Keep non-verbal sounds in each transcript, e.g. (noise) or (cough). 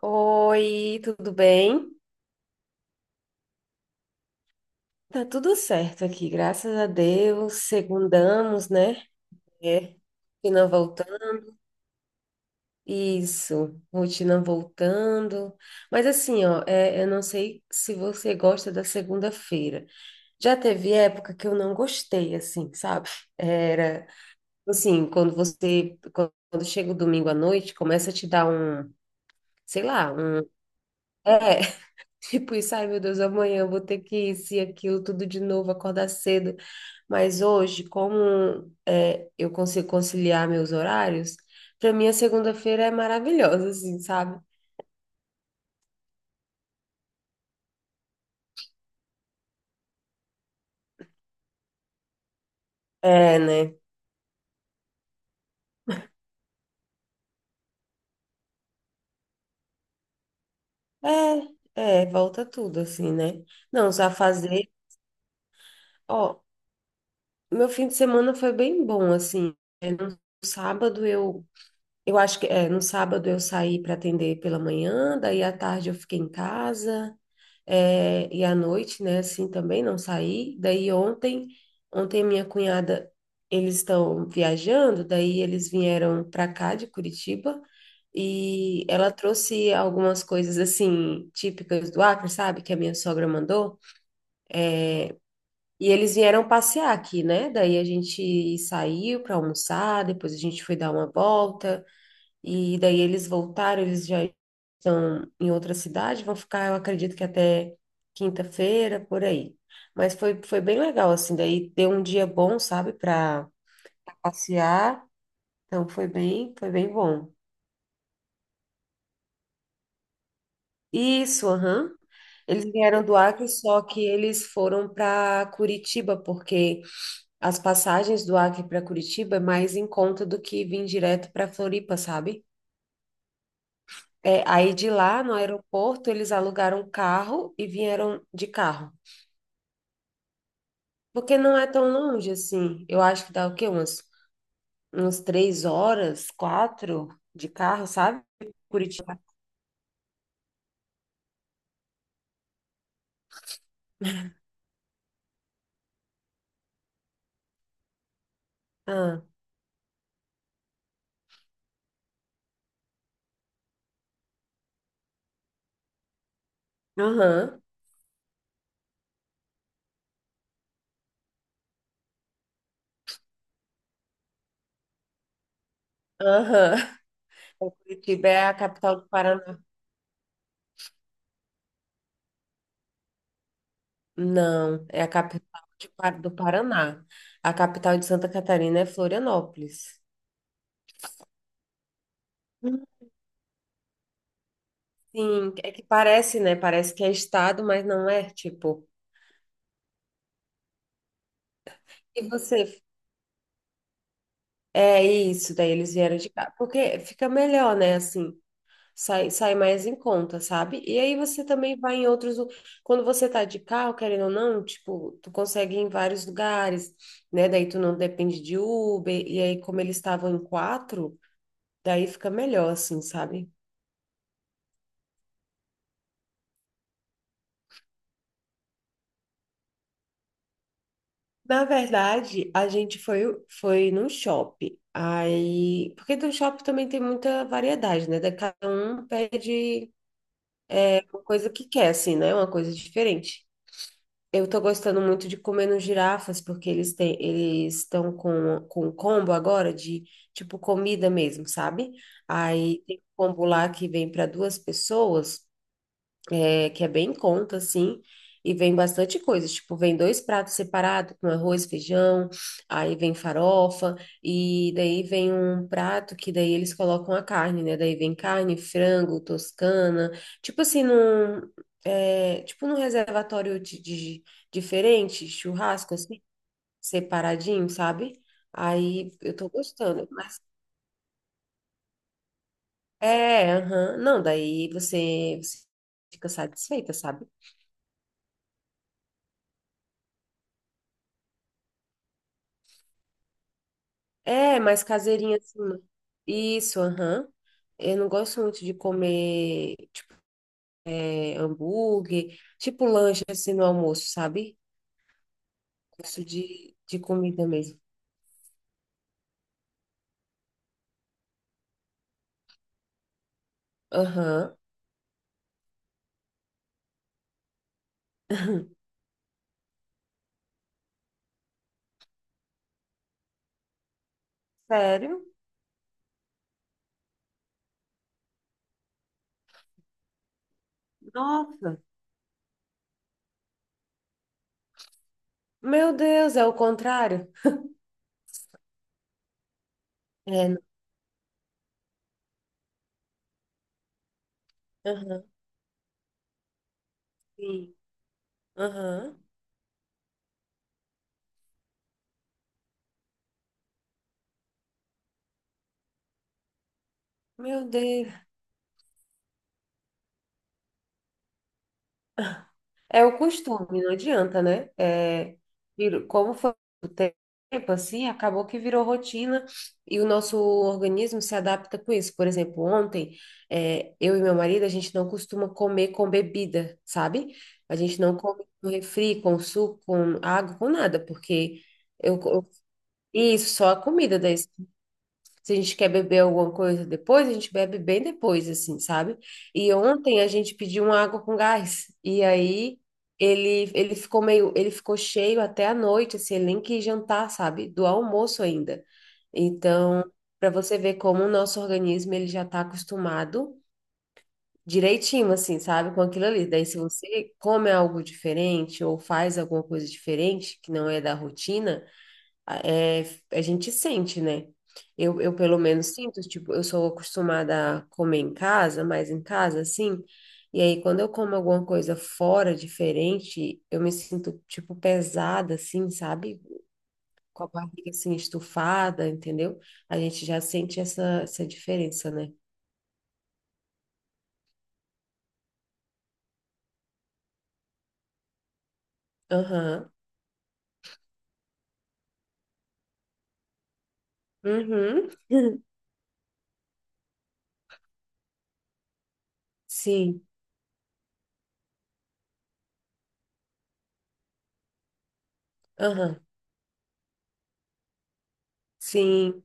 Oi, tudo bem? Tá tudo certo aqui, graças a Deus. Segundamos, né? É, rotina voltando. Isso, rotina voltando. Mas assim, ó, eu não sei se você gosta da segunda-feira. Já teve época que eu não gostei, assim, sabe? Era, assim, quando chega o domingo à noite, começa a te dar um, sei lá, é, tipo isso, ai meu Deus, amanhã eu vou ter que isso e aquilo tudo de novo, acordar cedo. Mas hoje, como eu consigo conciliar meus horários, para mim a segunda-feira é maravilhosa, assim, sabe? É, né? É, volta tudo, assim, né? Não, só fazer. Ó, meu fim de semana foi bem bom, assim. É, no sábado eu. Eu acho que é, no sábado eu saí para atender pela manhã, daí à tarde eu fiquei em casa. É, e à noite, né, assim também não saí. Ontem minha cunhada, eles estão viajando, daí eles vieram para cá de Curitiba e ela trouxe algumas coisas assim típicas do Acre, sabe, que a minha sogra mandou. E eles vieram passear aqui, né? Daí a gente saiu para almoçar, depois a gente foi dar uma volta. E daí eles voltaram, eles já estão em outra cidade, vão ficar, eu acredito que até quinta-feira, por aí. Mas foi bem legal, assim, daí deu um dia bom, sabe, para passear. Então foi bem bom. Isso, aham. Eles vieram do Acre, só que eles foram para Curitiba, porque as passagens do Acre para Curitiba é mais em conta do que vir direto para Floripa, sabe? É, aí de lá, no aeroporto, eles alugaram um carro e vieram de carro. Porque não é tão longe assim. Eu acho que dá o quê? Uns 3 horas, quatro de carro, sabe? Curitiba. Ah, aham, aham. (laughs) Curitiba é a capital do Paraná. Não, é a capital de do Paraná. A capital de Santa Catarina é Florianópolis. Sim, é que parece, né? Parece que é estado, mas não é, tipo. E você? É isso, daí eles vieram de cá. Porque fica melhor, né? Assim, sai mais em conta, sabe? E aí você também vai em outros. Quando você tá de carro, querendo ou não, tipo, tu consegue ir em vários lugares, né? Daí tu não depende de Uber. E aí, como eles estavam em quatro, daí fica melhor, assim, sabe? Na verdade, a gente foi num shopping. Aí, porque do shopping também tem muita variedade, né? Cada um pede uma coisa que quer, assim, né? Uma coisa diferente. Eu tô gostando muito de comer nos girafas, porque eles estão com um combo agora de, tipo, comida mesmo, sabe? Aí tem um combo lá que vem para duas pessoas, que é bem em conta, assim, e vem bastante coisa. Tipo, vem dois pratos separados com arroz, feijão, aí vem farofa, e daí vem um prato que daí eles colocam a carne, né? Daí vem carne, frango, toscana, tipo assim, tipo num reservatório diferente, churrasco, assim, separadinho, sabe? Aí eu tô gostando, mas aham. Não, daí você fica satisfeita, sabe? É, mais caseirinha assim. Isso, aham. Eu não gosto muito de comer, tipo, hambúrguer, tipo lanche assim no almoço, sabe? Gosto de comida mesmo. Aham. Sério? Nossa. Meu Deus, é o contrário? É, não. Aham, sim. Aham. Meu Deus. É o costume, não adianta, né? Como foi o tempo assim, acabou que virou rotina e o nosso organismo se adapta com isso. Por exemplo, ontem, eu e meu marido, a gente não costuma comer com bebida, sabe? A gente não come com refri, com suco, com água, com nada, porque eu, eu- isso, só a comida daí. Se a gente quer beber alguma coisa depois, a gente bebe bem depois, assim, sabe? E ontem a gente pediu uma água com gás. E aí ele ficou cheio até a noite, assim, ele nem quis jantar, sabe? Do almoço ainda. Então, para você ver como o nosso organismo ele já está acostumado direitinho, assim, sabe? Com aquilo ali. Daí, se você come algo diferente ou faz alguma coisa diferente que não é da rotina é, a gente sente, né? Eu pelo menos sinto, tipo, eu sou acostumada a comer em casa, mais em casa, assim, e aí quando eu como alguma coisa fora, diferente, eu me sinto, tipo, pesada, assim, sabe? Com a barriga, assim, estufada, entendeu? A gente já sente essa diferença, né? Aham. Uhum. (laughs) Sim. Aham. Sim.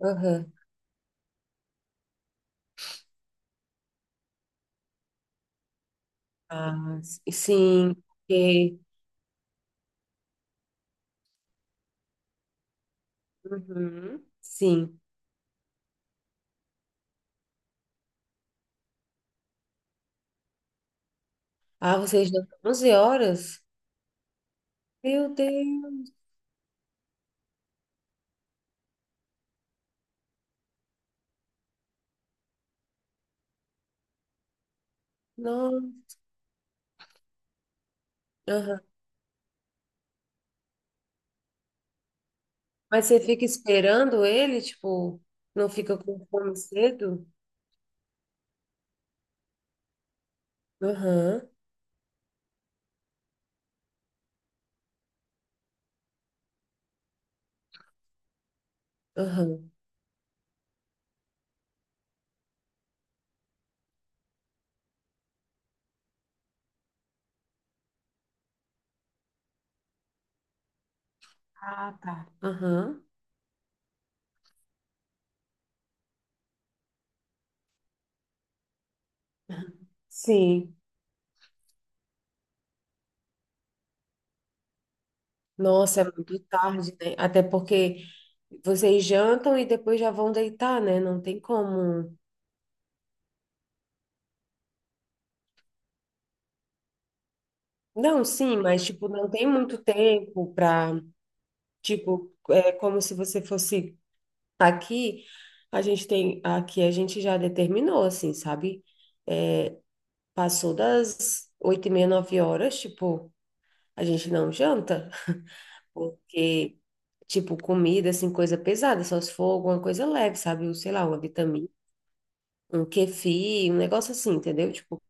Aham. Ah, sim. porque- Uhum. Sim. Ah, vocês dão 11 horas? Meu Deus, não. Aham. Mas você fica esperando ele, tipo, não fica com fome cedo? Aham, aham. Ah, tá. Aham. Sim. Nossa, é muito tarde, né? Até porque vocês jantam e depois já vão deitar, né? Não tem como. Não, sim, mas, tipo, não tem muito tempo para tipo, é como se você fosse aqui. A gente tem. Aqui a gente já determinou, assim, sabe? Passou das 8:30, 9 horas, tipo, a gente não janta, porque, tipo, comida, assim, coisa pesada, só se for alguma coisa leve, sabe? Um, sei lá, uma vitamina, um kefir, um negócio assim, entendeu? Tipo,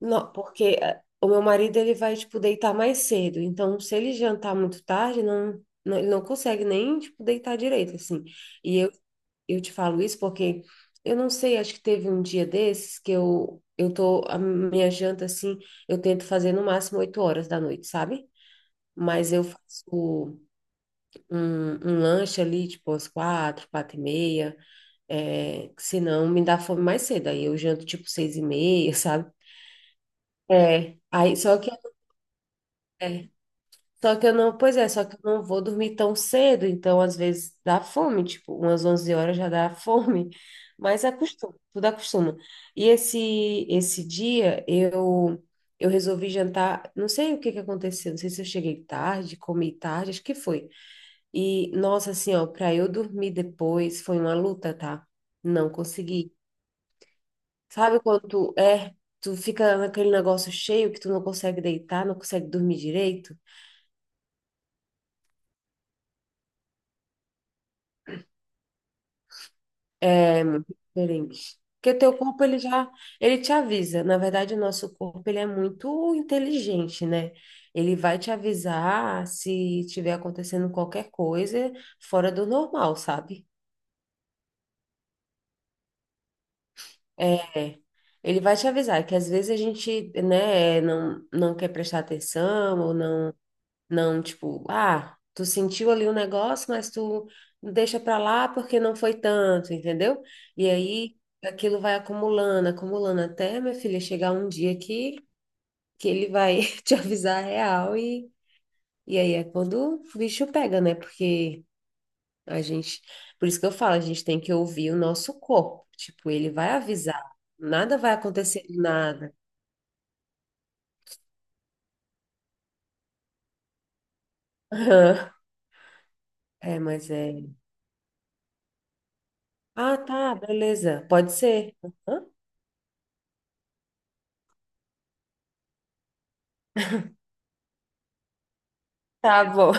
não, porque o meu marido, ele vai, tipo, deitar mais cedo, então, se ele jantar muito tarde, não, não, ele não consegue nem, tipo, deitar direito, assim. E eu te falo isso porque eu não sei, acho que teve um dia desses que a minha janta assim, eu tento fazer no máximo 8 horas da noite, sabe? Mas eu faço um, um lanche ali, tipo, às quatro, 4:30, que senão me dá fome mais cedo, aí eu janto tipo 6:30, (laughs) sabe? É, aí só que é, Só que eu não, pois é, só que eu não vou dormir tão cedo, então às vezes dá fome, tipo, umas 11 horas já dá (laughs) fome, mas acostuma, tudo acostuma. E esse dia eu resolvi jantar, não sei o que que aconteceu, não sei se eu cheguei tarde, comi tarde, acho que foi. E nossa, assim, ó, para eu dormir depois foi uma luta, tá? Não consegui. Sabe quando tu, é, tu fica naquele negócio cheio que tu não consegue deitar, não consegue dormir direito? Diferente. Porque teu corpo, ele te avisa. Na verdade, o nosso corpo, ele é muito inteligente, né? Ele vai te avisar se estiver acontecendo qualquer coisa fora do normal, sabe? É. Ele vai te avisar que às vezes a gente, né, não quer prestar atenção ou não. Não, tipo, ah, tu sentiu ali o negócio, mas tu deixa pra lá porque não foi tanto, entendeu? E aí aquilo vai acumulando, acumulando até, minha filha, chegar um dia que ele vai (laughs) te avisar a real e aí é quando o bicho pega, né? Porque a gente, por isso que eu falo, a gente tem que ouvir o nosso corpo. Tipo, ele vai avisar, nada vai acontecer do nada. (laughs) É, mas é. Ah, tá, beleza, pode ser. Aham. Tá bom.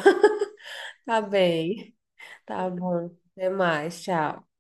Tá bem. Tá bom. Até mais. Tchau.